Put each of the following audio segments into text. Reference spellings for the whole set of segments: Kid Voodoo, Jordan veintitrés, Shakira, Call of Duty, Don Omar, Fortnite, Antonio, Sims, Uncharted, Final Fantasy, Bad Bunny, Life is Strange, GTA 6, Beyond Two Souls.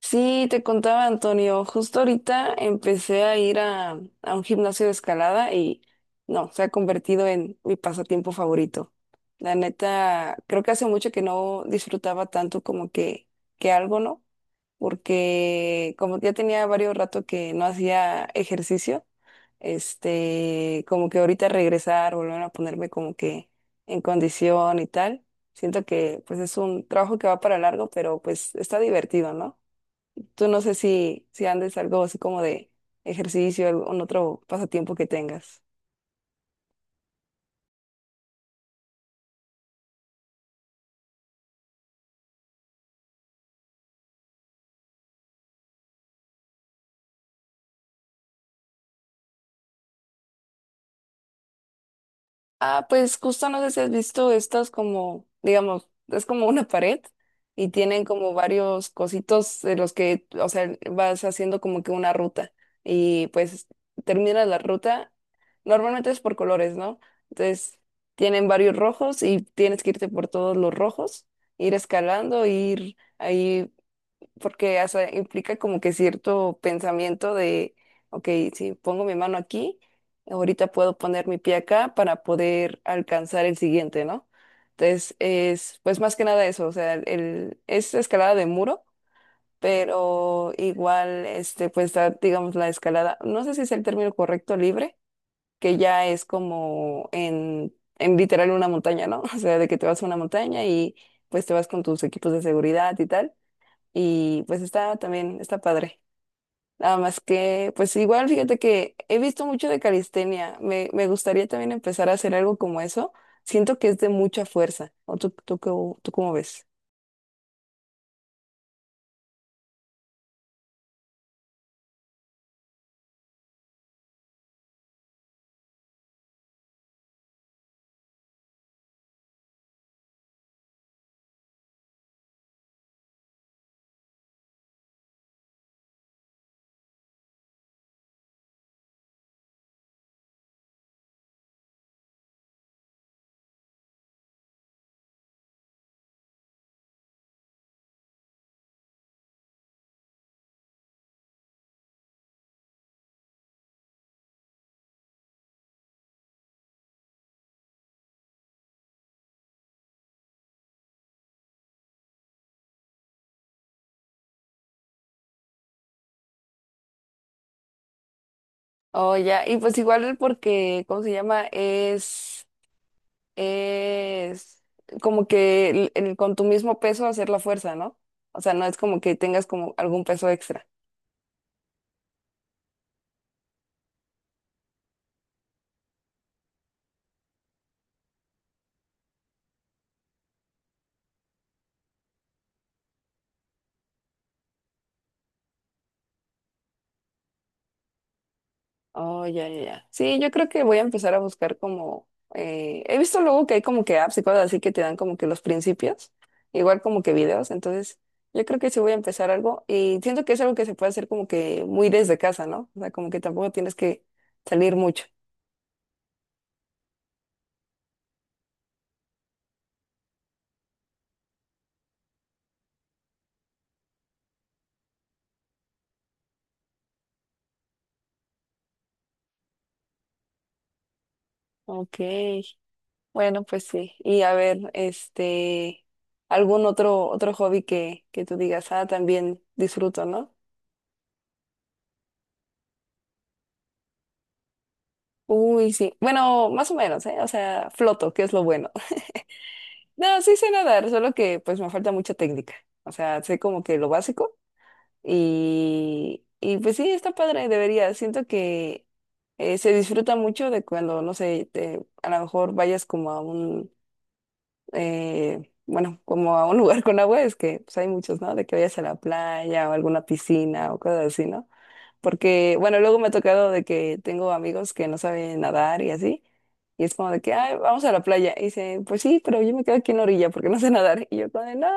Sí, te contaba Antonio, justo ahorita empecé a ir a un gimnasio de escalada y no, se ha convertido en mi pasatiempo favorito. La neta, creo que hace mucho que no disfrutaba tanto que algo, ¿no? Porque como ya tenía varios rato que no hacía ejercicio, como que ahorita regresar, volver a ponerme como que en condición y tal. Siento que pues es un trabajo que va para largo, pero pues está divertido, ¿no? Tú no sé si andes algo así como de ejercicio, algún otro pasatiempo que tengas. Ah, pues justo no sé si has visto estas como, digamos, es como una pared y tienen como varios cositos de los que, o sea, vas haciendo como que una ruta y pues terminas la ruta, normalmente es por colores, ¿no? Entonces tienen varios rojos y tienes que irte por todos los rojos, ir escalando, ir ahí porque o sea, implica como que cierto pensamiento de, ok, si pongo mi mano aquí, ahorita puedo poner mi pie acá para poder alcanzar el siguiente, ¿no? Entonces, es pues más que nada eso, o sea, el, es escalada de muro, pero igual, pues está, digamos, la escalada, no sé si es el término correcto, libre, que ya es como en literal una montaña, ¿no? O sea, de que te vas a una montaña y pues te vas con tus equipos de seguridad y tal y pues está también, está padre. Nada más que, pues igual, fíjate que he visto mucho de calistenia. Me gustaría también empezar a hacer algo como eso. Siento que es de mucha fuerza. ¿O tú cómo ves? Oh, ya. Y pues igual porque, ¿cómo se llama? Es como que con tu mismo peso hacer la fuerza, ¿no? O sea, no es como que tengas como algún peso extra. Oh, ya, ya, ya. Sí, yo creo que voy a empezar a buscar como, he visto luego que hay como que apps y cosas así que te dan como que los principios, igual como que videos, entonces yo creo que sí voy a empezar algo y siento que es algo que se puede hacer como que muy desde casa, ¿no? O sea, como que tampoco tienes que salir mucho. Ok, bueno, pues sí. Y a ver, algún otro hobby que tú digas, ah, también disfruto, ¿no? Uy, sí. Bueno, más o menos, ¿eh? O sea, floto, que es lo bueno. No, sí sé nadar, solo que pues me falta mucha técnica. O sea, sé como que lo básico y pues sí, está padre, debería. Siento que se disfruta mucho de cuando, no sé, a lo mejor vayas como a un, bueno, como a un lugar con agua, es que pues hay muchos, ¿no? De que vayas a la playa o alguna piscina o cosas así, ¿no? Porque, bueno, luego me ha tocado de que tengo amigos que no saben nadar y así. Y es como de que, ay, vamos a la playa. Y dicen, pues sí, pero yo me quedo aquí en la orilla porque no sé nadar. Y yo como de, no.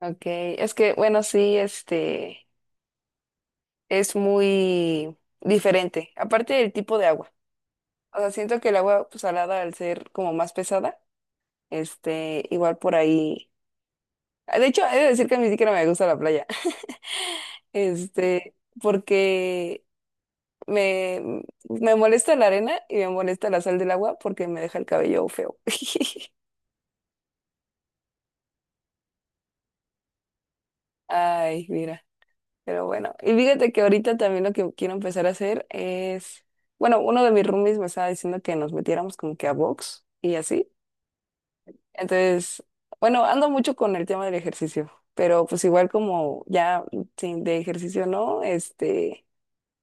Ok, es que, bueno, sí, es muy diferente. Aparte del tipo de agua. O sea, siento que el agua pues, salada, al ser como más pesada, igual por ahí. De hecho, he de decir que ni siquiera me gusta la playa. Este, porque Me, me molesta la arena y me molesta la sal del agua porque me deja el cabello feo. Ay, mira, pero bueno. Y fíjate que ahorita también lo que quiero empezar a hacer es, bueno, uno de mis roomies me estaba diciendo que nos metiéramos como que a box y así. Entonces, bueno, ando mucho con el tema del ejercicio, pero pues igual como ya sin de ejercicio no,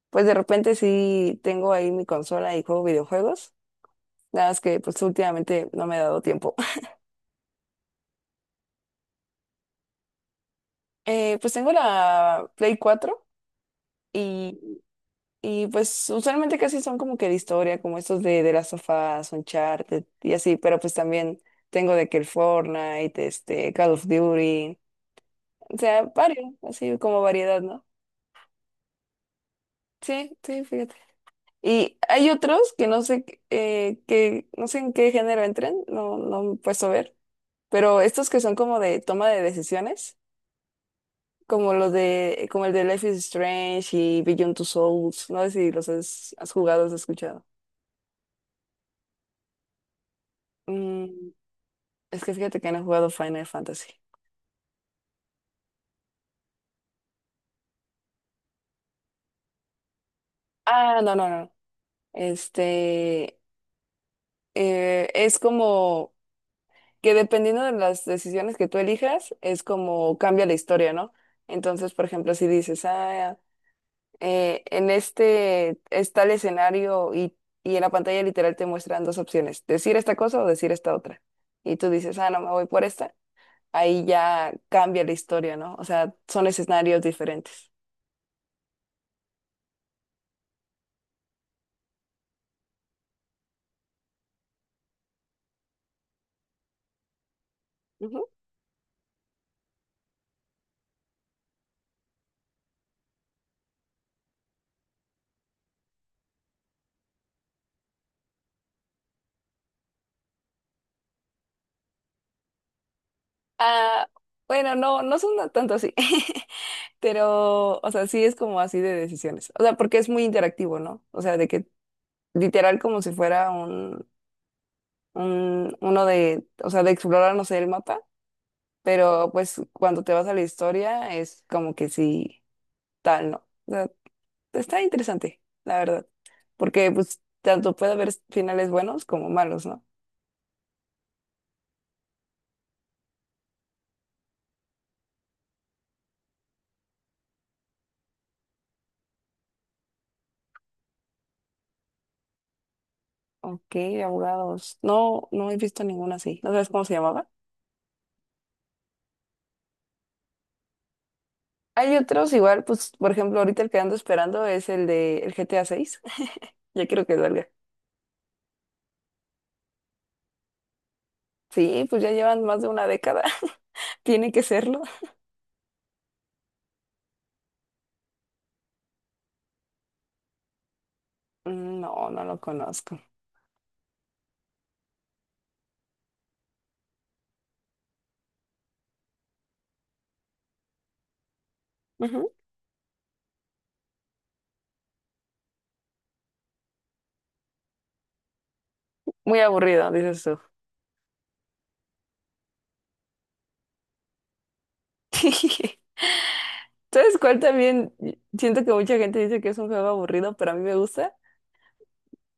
pues de repente sí tengo ahí mi consola y juego videojuegos. Nada más que pues últimamente no me he dado tiempo. Pues tengo la Play 4 y, y pues usualmente casi son como que de historia, como estos de las sofás, Uncharted y así, pero pues también tengo de que el Fortnite, Call of Duty, o sea, varios, así como variedad, ¿no? Sí, sí, fíjate. Y hay otros que no sé, que no sé en qué género entren, no, no me he puesto a ver, pero estos que son como de toma de decisiones como los de, como el de Life is Strange y Beyond Two Souls. No sé si has jugado, has escuchado. Mm, es que fíjate que no he jugado Final Fantasy. Ah, no, no, no. Este, es como que dependiendo de las decisiones que tú elijas, es como cambia la historia, ¿no? Entonces, por ejemplo, si dices, ah, en este está el escenario y en la pantalla literal te muestran dos opciones, decir esta cosa o decir esta otra. Y tú dices, ah, no, me voy por esta ahí ya cambia la historia, ¿no? O sea, son escenarios diferentes. Ujú. Ah, bueno, no, no son tanto así, pero, o sea, sí es como así de decisiones. O sea, porque es muy interactivo, ¿no? O sea, de que literal como si fuera uno de, o sea, de explorar, no sé, el mapa, pero pues cuando te vas a la historia es como que sí, tal, ¿no? O sea, está interesante, la verdad, porque pues tanto puede haber finales buenos como malos, ¿no? Ok, de abogados. No, no he visto ninguna así. ¿No sabes cómo se llamaba? Hay otros igual, pues, por ejemplo, ahorita el que ando esperando es el de el GTA 6. Ya quiero que salga. Sí, pues ya llevan más de una década. Tiene que serlo. Mm, no, no lo conozco. Ujú. Muy aburrido, dices tú. ¿Sabes cuál también? Siento que mucha gente dice que es un juego aburrido, pero a mí me gusta.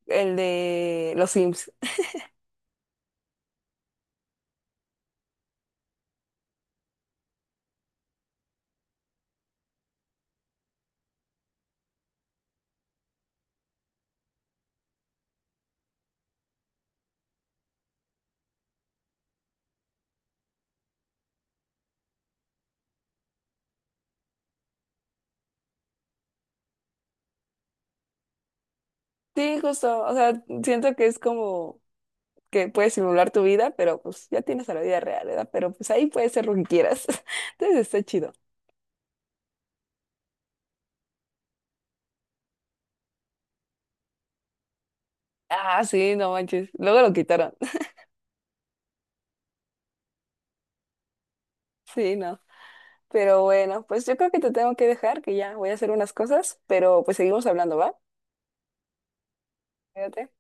El de los Sims. Sí, justo. O sea, siento que es como que puedes simular tu vida, pero pues ya tienes a la vida real, ¿verdad? Pero pues ahí puedes ser lo que quieras. Entonces está chido. Ah, sí, no manches. Luego lo quitaron. Sí, no. Pero bueno, pues yo creo que te tengo que dejar, que ya voy a hacer unas cosas, pero pues seguimos hablando, ¿va? Cuídate.